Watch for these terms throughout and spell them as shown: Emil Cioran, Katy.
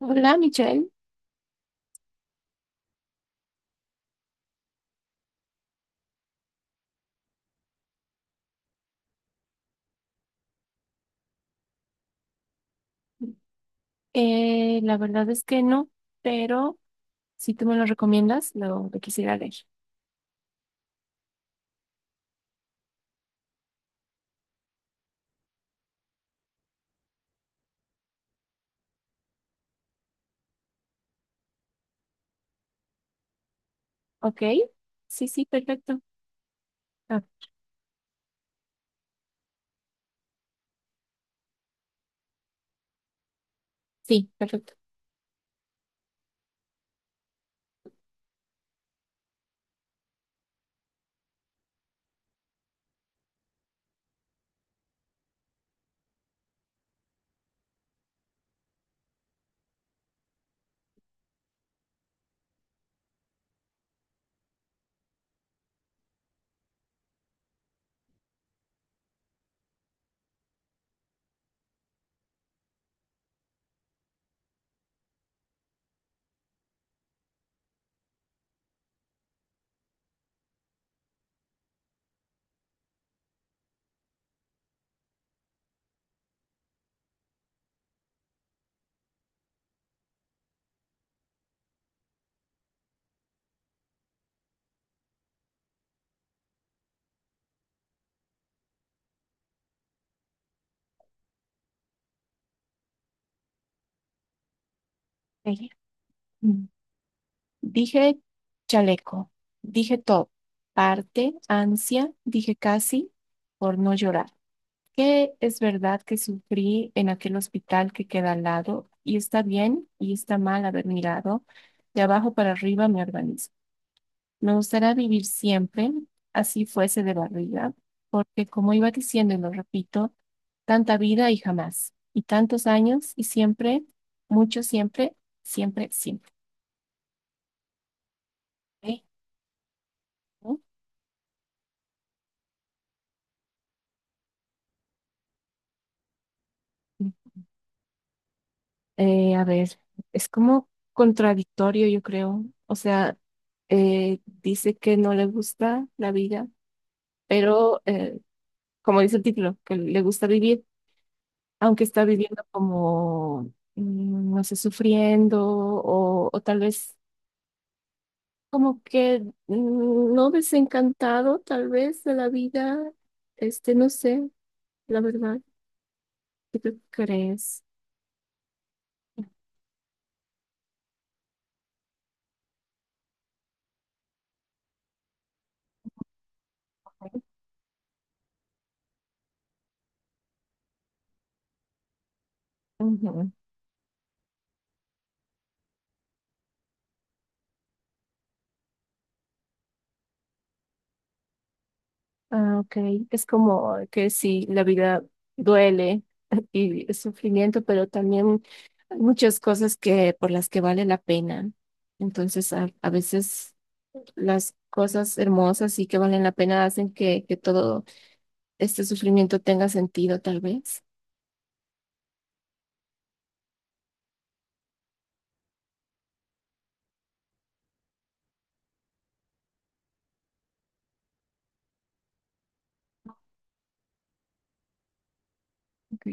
Hola, Michelle. La verdad es que no, pero si tú me lo recomiendas, lo quisiera leer. ¿Ok? Sí, sí, perfecto. Ah, sí, perfecto. Ahí. Mm. Dije chaleco, dije todo, parte, ansia, dije casi, por no llorar. Que es verdad que sufrí en aquel hospital que queda al lado, y está bien y está mal haber mirado de abajo para arriba mi organismo. Me gustaría vivir siempre, así fuese de barriga, porque como iba diciendo y lo repito, tanta vida y jamás, y tantos años y siempre, mucho siempre, siempre, siempre. ¿Eh? ¿No? A ver, es como contradictorio, yo creo. O sea, dice que no le gusta la vida, pero como dice el título, que le gusta vivir, aunque está viviendo como, no sé, sufriendo o tal vez como que no, desencantado tal vez de la vida, este, no sé, la verdad, ¿qué tú crees? Ujú. Ah, ok, es como que sí, la vida duele y es sufrimiento, pero también hay muchas cosas que por las que vale la pena. Entonces, a veces las cosas hermosas y que valen la pena hacen que todo este sufrimiento tenga sentido, tal vez. Ok.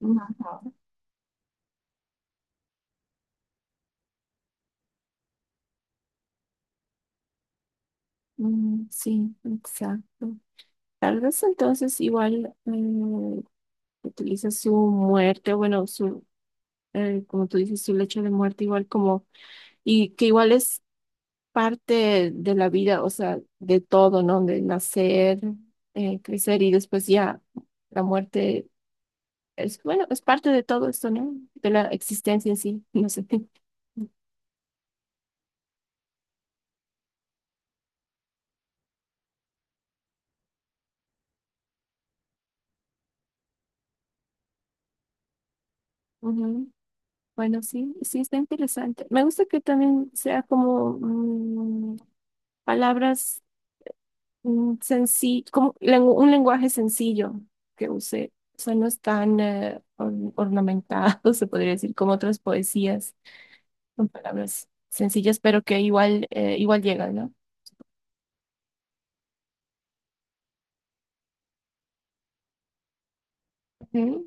Ujú. Mm, sí, exacto. Tal vez entonces igual utiliza su muerte, bueno, su, como tú dices, su lecho de muerte igual como, y que igual es parte de la vida, o sea, de todo, ¿no? De nacer, crecer y después ya la muerte es, bueno, es parte de todo esto, ¿no? De la existencia en sí, no sé. Ujú. Bueno, sí, sí está interesante. Me gusta que también sea como mm, palabras un lenguaje sencillo que use. O sea, no es tan ornamentado, se podría decir, como otras poesías, con palabras sencillas, pero que igual, igual llegan, ¿no? Ujú,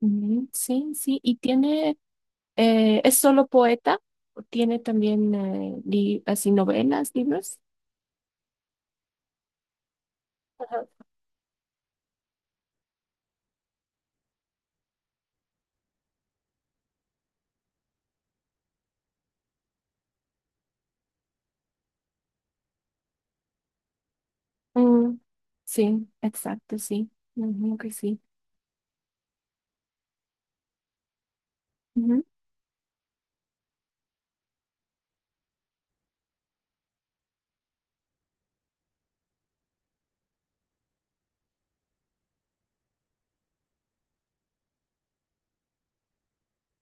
ujú, sí, sí. Y tiene, ¿es solo poeta? ¿O tiene también así novelas, libros? Ajá. Mm, sí, exacto, sí. Ujú, que sí. Ujú,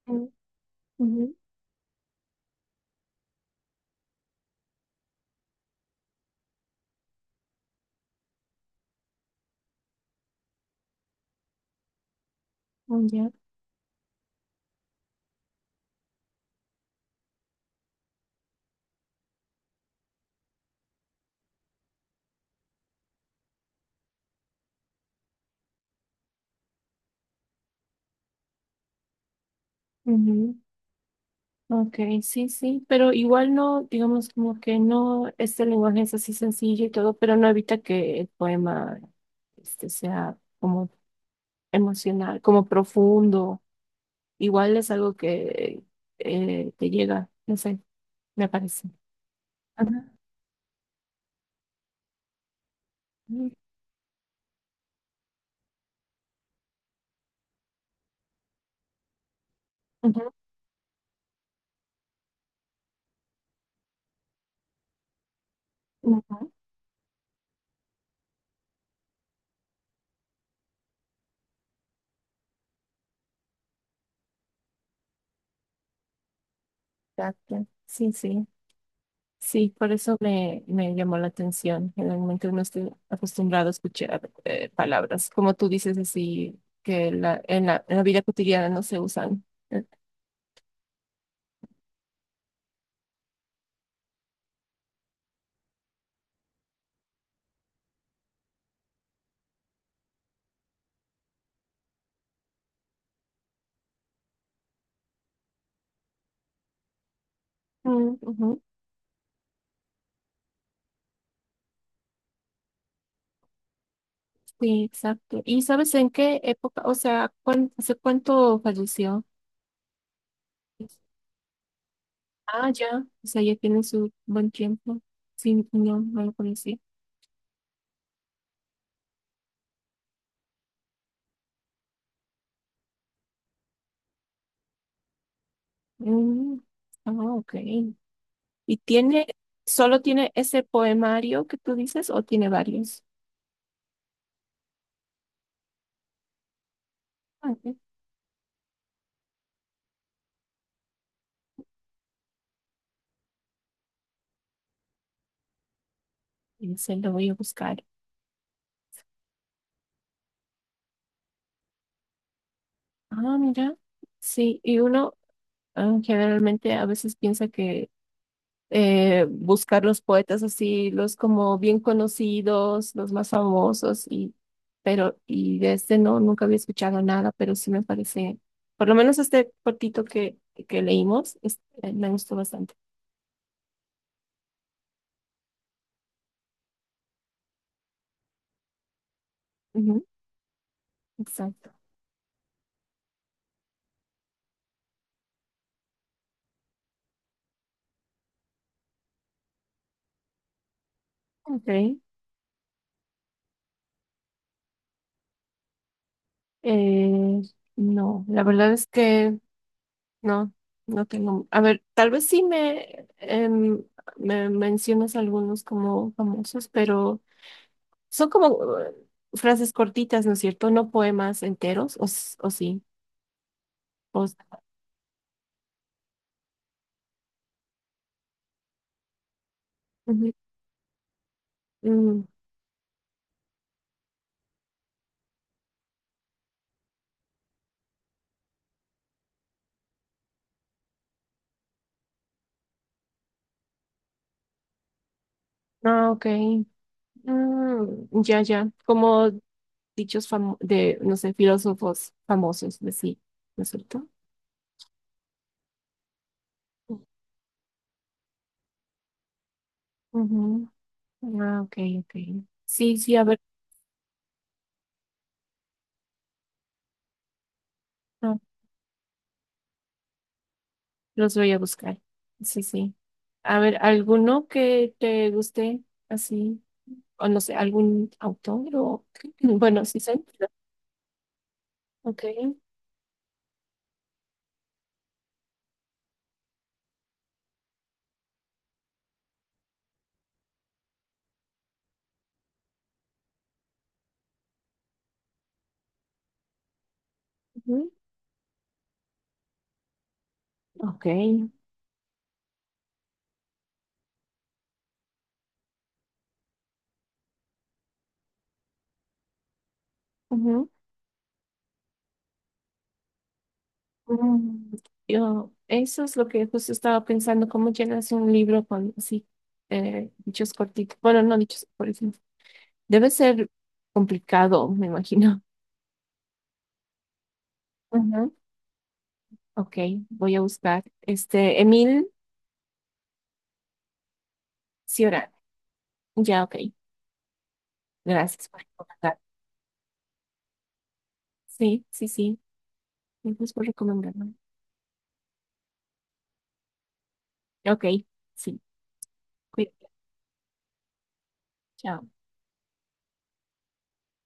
ujú, ujú, mm, ya, ujú. Ok, sí, sí, pero igual no, digamos como que no, este lenguaje es así sencillo y todo, pero no evita que el poema este, sea como emocional, como profundo. Igual es algo que te llega, no sé, me parece. Ajá. Mm, ujú, ujú. Exacto. Sí, sí. Sí, por eso me llamó la atención. Generalmente uno está acostumbrado a escuchar palabras, como tú dices, así que en la vida cotidiana no se usan. Mm, ujú. Sí, exacto. ¿Y sabes en qué época? O sea, ¿hace cuánto falleció? Ah, ya. O sea, ya tiene su buen tiempo. Sí, no, no lo conocí. Mm, ah, ok. ¿Y tiene, solo tiene ese poemario que tú dices o tiene varios? Ah, ok. Y se lo voy a buscar. Ah, mira. Sí, y uno ah, generalmente a veces piensa que buscar los poetas así, los como bien conocidos, los más famosos, y, pero, y de este no, nunca había escuchado nada, pero sí me parece, por lo menos este cortito que leímos, me gustó bastante. Ujú, exacto. Ok. Eh, no, la verdad es que no, no tengo, a ver, tal vez sí me mencionas algunos como famosos, pero... Son como frases cortitas, ¿no es cierto? No poemas enteros, o, o sí. O, s- Ujú. Mm, ah, ok. Mm, ya, ya. Como de, no sé, filósofos famosos, de sí, ¿no es cierto? Ujú. Ah, ok, ok. Sí, sí, a ver, no, los voy a buscar. Sí, sí. A ver, ¿alguno que te guste así? O no sé, algún autor o... Bueno, sí, sí. Ok. Ujú, ok. Ujú. Mm, yo, eso es lo que justo estaba pensando, cómo llenas un libro con así dichos cortitos. Bueno, no dichos, por ejemplo. Debe ser complicado, me imagino. Ujú. Ok, voy a buscar. Este, Emil Cioran. Ya, ok. Gracias por recomendar. Sí, sí, sí. Gracias por recomendarme. Ok, sí. Cuídate. Chao.